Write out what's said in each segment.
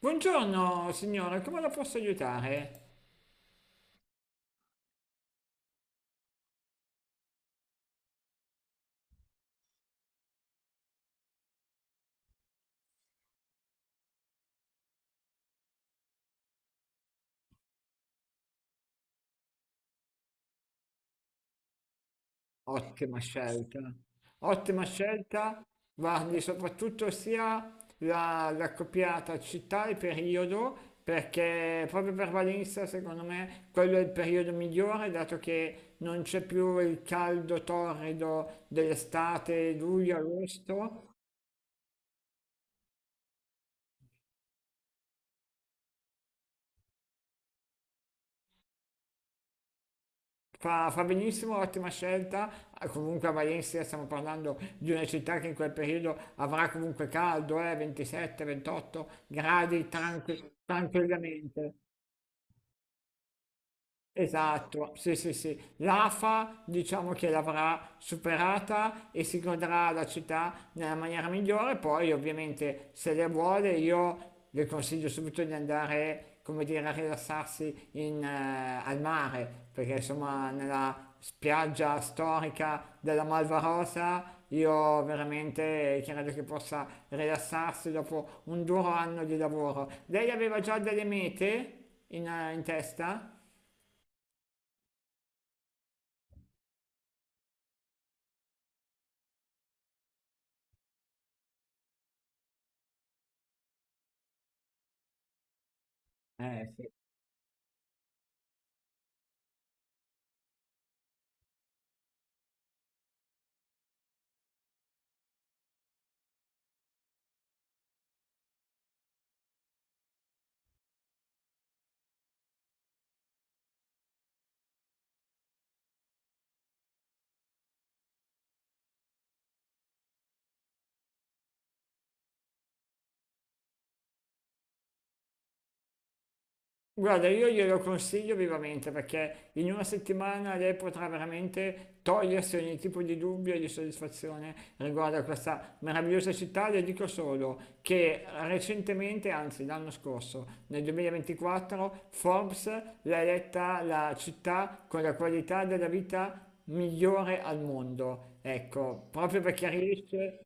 Buongiorno signora, come la posso aiutare? Ottima scelta, ottima scelta, guardi soprattutto sia la copiata città e periodo, perché proprio per Valenza secondo me quello è il periodo migliore, dato che non c'è più il caldo torrido dell'estate, luglio, agosto. Fa benissimo, ottima scelta. Ah, comunque a Valencia stiamo parlando di una città che in quel periodo avrà comunque caldo, 27-28 gradi tranquillamente. Esatto, sì, sì, sì. L'afa diciamo che l'avrà superata e si godrà la città nella maniera migliore. Poi, ovviamente, se le vuole, io le consiglio subito di andare, come dire, a rilassarsi al mare, perché insomma, nella spiaggia storica della Malvarosa. Io veramente credo che possa rilassarsi dopo un duro anno di lavoro. Lei aveva già delle mete in testa? Sì. Guarda, io glielo consiglio vivamente perché in una settimana lei potrà veramente togliersi ogni tipo di dubbio e di soddisfazione riguardo a questa meravigliosa città. Le dico solo che recentemente, anzi l'anno scorso, nel 2024, Forbes l'ha eletta la città con la qualità della vita migliore al mondo. Ecco, proprio perché riesce.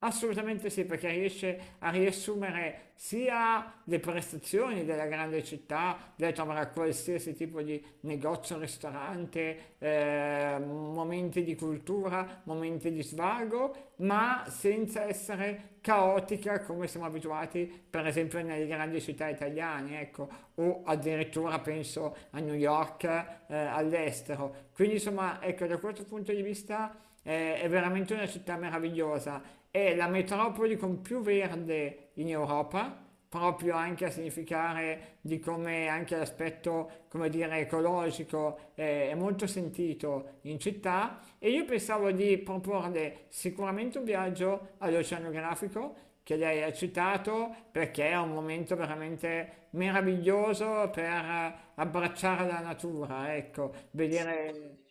Assolutamente sì, perché riesce a riassumere sia le prestazioni della grande città, dai trovare a qualsiasi tipo di negozio, ristorante, momenti di cultura, momenti di svago, ma senza essere caotica come siamo abituati, per esempio, nelle grandi città italiane, ecco, o addirittura penso a New York, all'estero. Quindi, insomma, ecco, da questo punto di vista è veramente una città meravigliosa, è la metropoli con più verde in Europa, proprio anche a significare di come anche l'aspetto, come dire, ecologico è molto sentito in città, e io pensavo di proporle sicuramente un viaggio all'oceanografico che lei ha citato perché è un momento veramente meraviglioso per abbracciare la natura, ecco, vedere.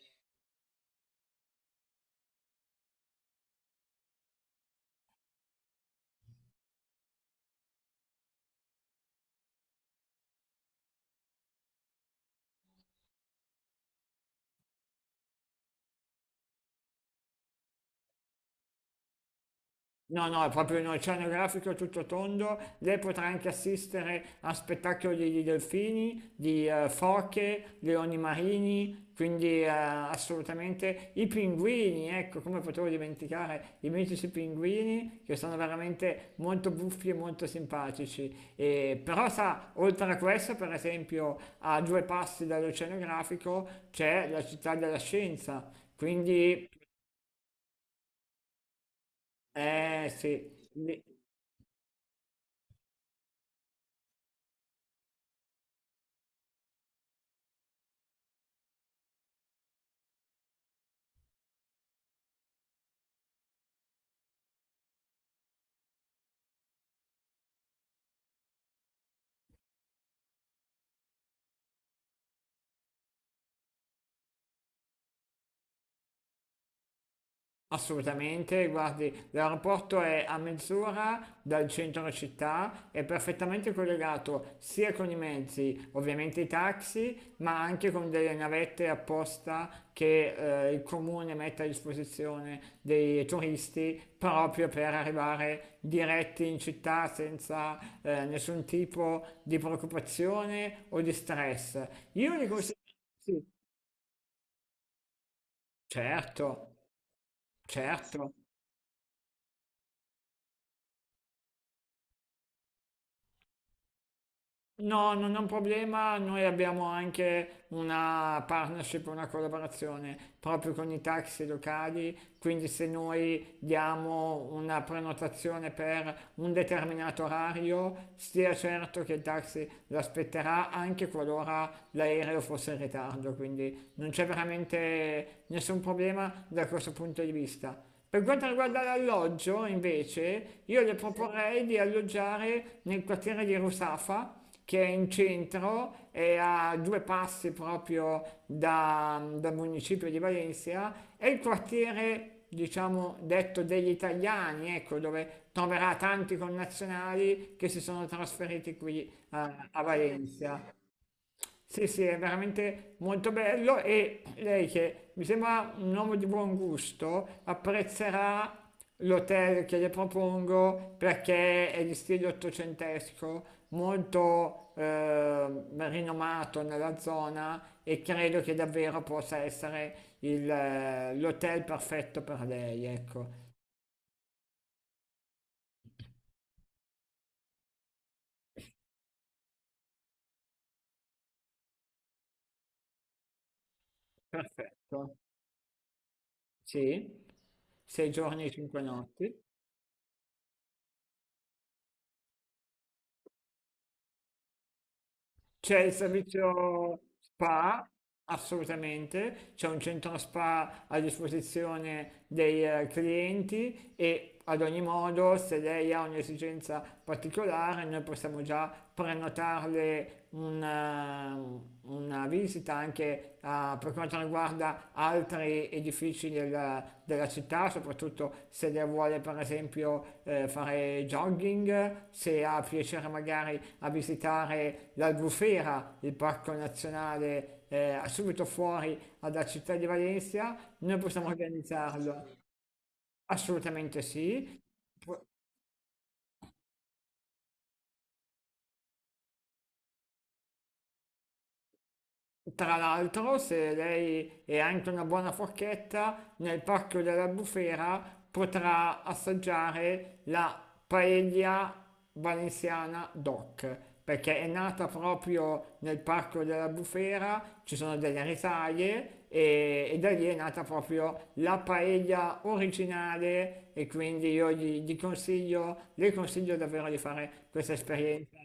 No, no, è proprio un oceanografico tutto tondo. Lei potrà anche assistere a spettacoli di delfini, di foche, leoni marini, quindi assolutamente i pinguini, ecco, come potevo dimenticare i mitici pinguini che sono veramente molto buffi e molto simpatici. E, però sa, oltre a questo, per esempio, a due passi dall'oceanografico c'è la città della scienza, quindi sì. Assolutamente, guardi, l'aeroporto è a mezz'ora dal centro città, è perfettamente collegato sia con i mezzi, ovviamente i taxi, ma anche con delle navette apposta che il comune mette a disposizione dei turisti proprio per arrivare diretti in città senza nessun tipo di preoccupazione o di stress. Io li consiglio, sì, certo, certo. No, non è un problema, noi abbiamo anche una partnership, una collaborazione proprio con i taxi locali, quindi se noi diamo una prenotazione per un determinato orario, stia certo che il taxi l'aspetterà anche qualora l'aereo fosse in ritardo, quindi non c'è veramente nessun problema da questo punto di vista. Per quanto riguarda l'alloggio, invece, io le, sì, proporrei di alloggiare nel quartiere di Rusafa, che è in centro, è a due passi proprio dal municipio di Valencia, è il quartiere, diciamo, detto degli italiani, ecco, dove troverà tanti connazionali che si sono trasferiti qui a Valencia. Sì, sì, è veramente molto bello e lei che mi sembra un uomo di buon gusto apprezzerà l'hotel che le propongo perché è di stile ottocentesco, molto rinomato nella zona, e credo che davvero possa essere l'hotel perfetto per lei, ecco. Perfetto. Sì, sei giorni e cinque notti. C'è il servizio spa, assolutamente, c'è un centro spa a disposizione dei clienti, e ad ogni modo, se lei ha un'esigenza particolare, noi possiamo già prenotarle una visita anche, per quanto riguarda altri edifici della città, soprattutto se lei vuole per esempio fare jogging, se ha piacere magari a visitare l'Albufera, il parco nazionale subito fuori dalla città di Valencia, noi possiamo organizzarlo. Assolutamente sì. Pu- Tra l'altro, se lei è anche una buona forchetta, nel Parco della Bufera potrà assaggiare la paella valenziana DOC, perché è nata proprio nel Parco della Bufera, ci sono delle risaie, e da lì è nata proprio la paella originale e quindi io le consiglio davvero di fare questa esperienza.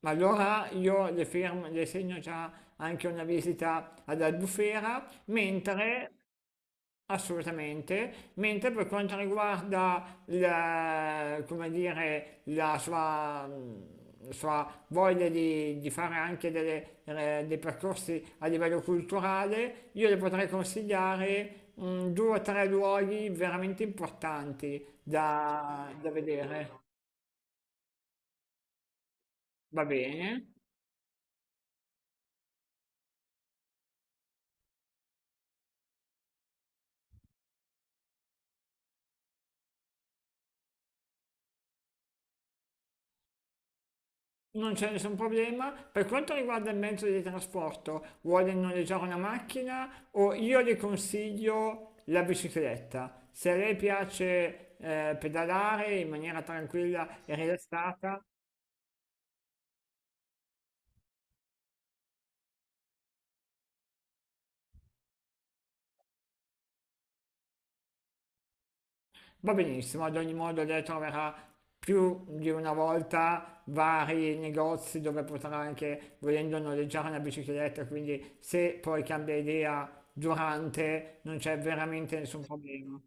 Ma allora io le, fermo, le segno già anche una visita ad Albufera, mentre assolutamente, mentre per quanto riguarda la, come dire, la sua voglia di fare anche delle, dei percorsi a livello culturale, io le potrei consigliare due o tre luoghi veramente importanti da vedere. Va bene? Non c'è nessun problema. Per quanto riguarda il mezzo di trasporto, vuole noleggiare una macchina, o io le consiglio la bicicletta, se a lei piace pedalare in maniera tranquilla e rilassata. Va benissimo. Ad ogni modo lei troverà più di una volta vari negozi dove potrà anche, volendo, noleggiare una bicicletta. Quindi se poi cambia idea durante, non c'è veramente nessun problema.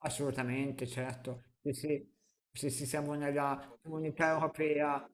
Assolutamente, certo. Sì, sì. Sì, sì, siamo nella comunità europea.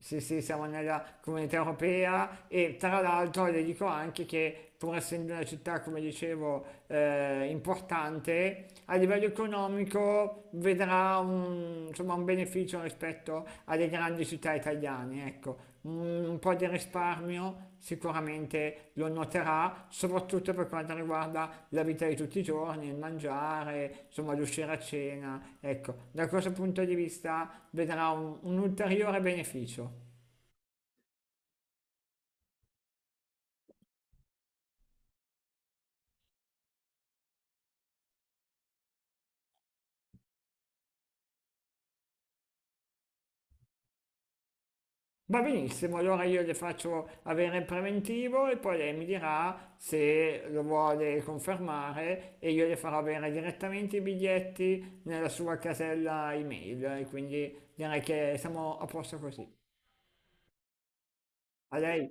Sì, sì, siamo nella comunità europea, e tra l'altro le dico anche che pur essendo una città, come dicevo, importante, a livello economico vedrà un, insomma, un beneficio rispetto alle grandi città italiane, ecco, un po' di risparmio sicuramente lo noterà, soprattutto per quanto riguarda la vita di tutti i giorni, il mangiare, insomma l'uscire a cena. Ecco, da questo punto di vista vedrà un ulteriore beneficio. Va benissimo, allora io le faccio avere il preventivo e poi lei mi dirà se lo vuole confermare e io le farò avere direttamente i biglietti nella sua casella email e quindi direi che siamo a posto così. A lei.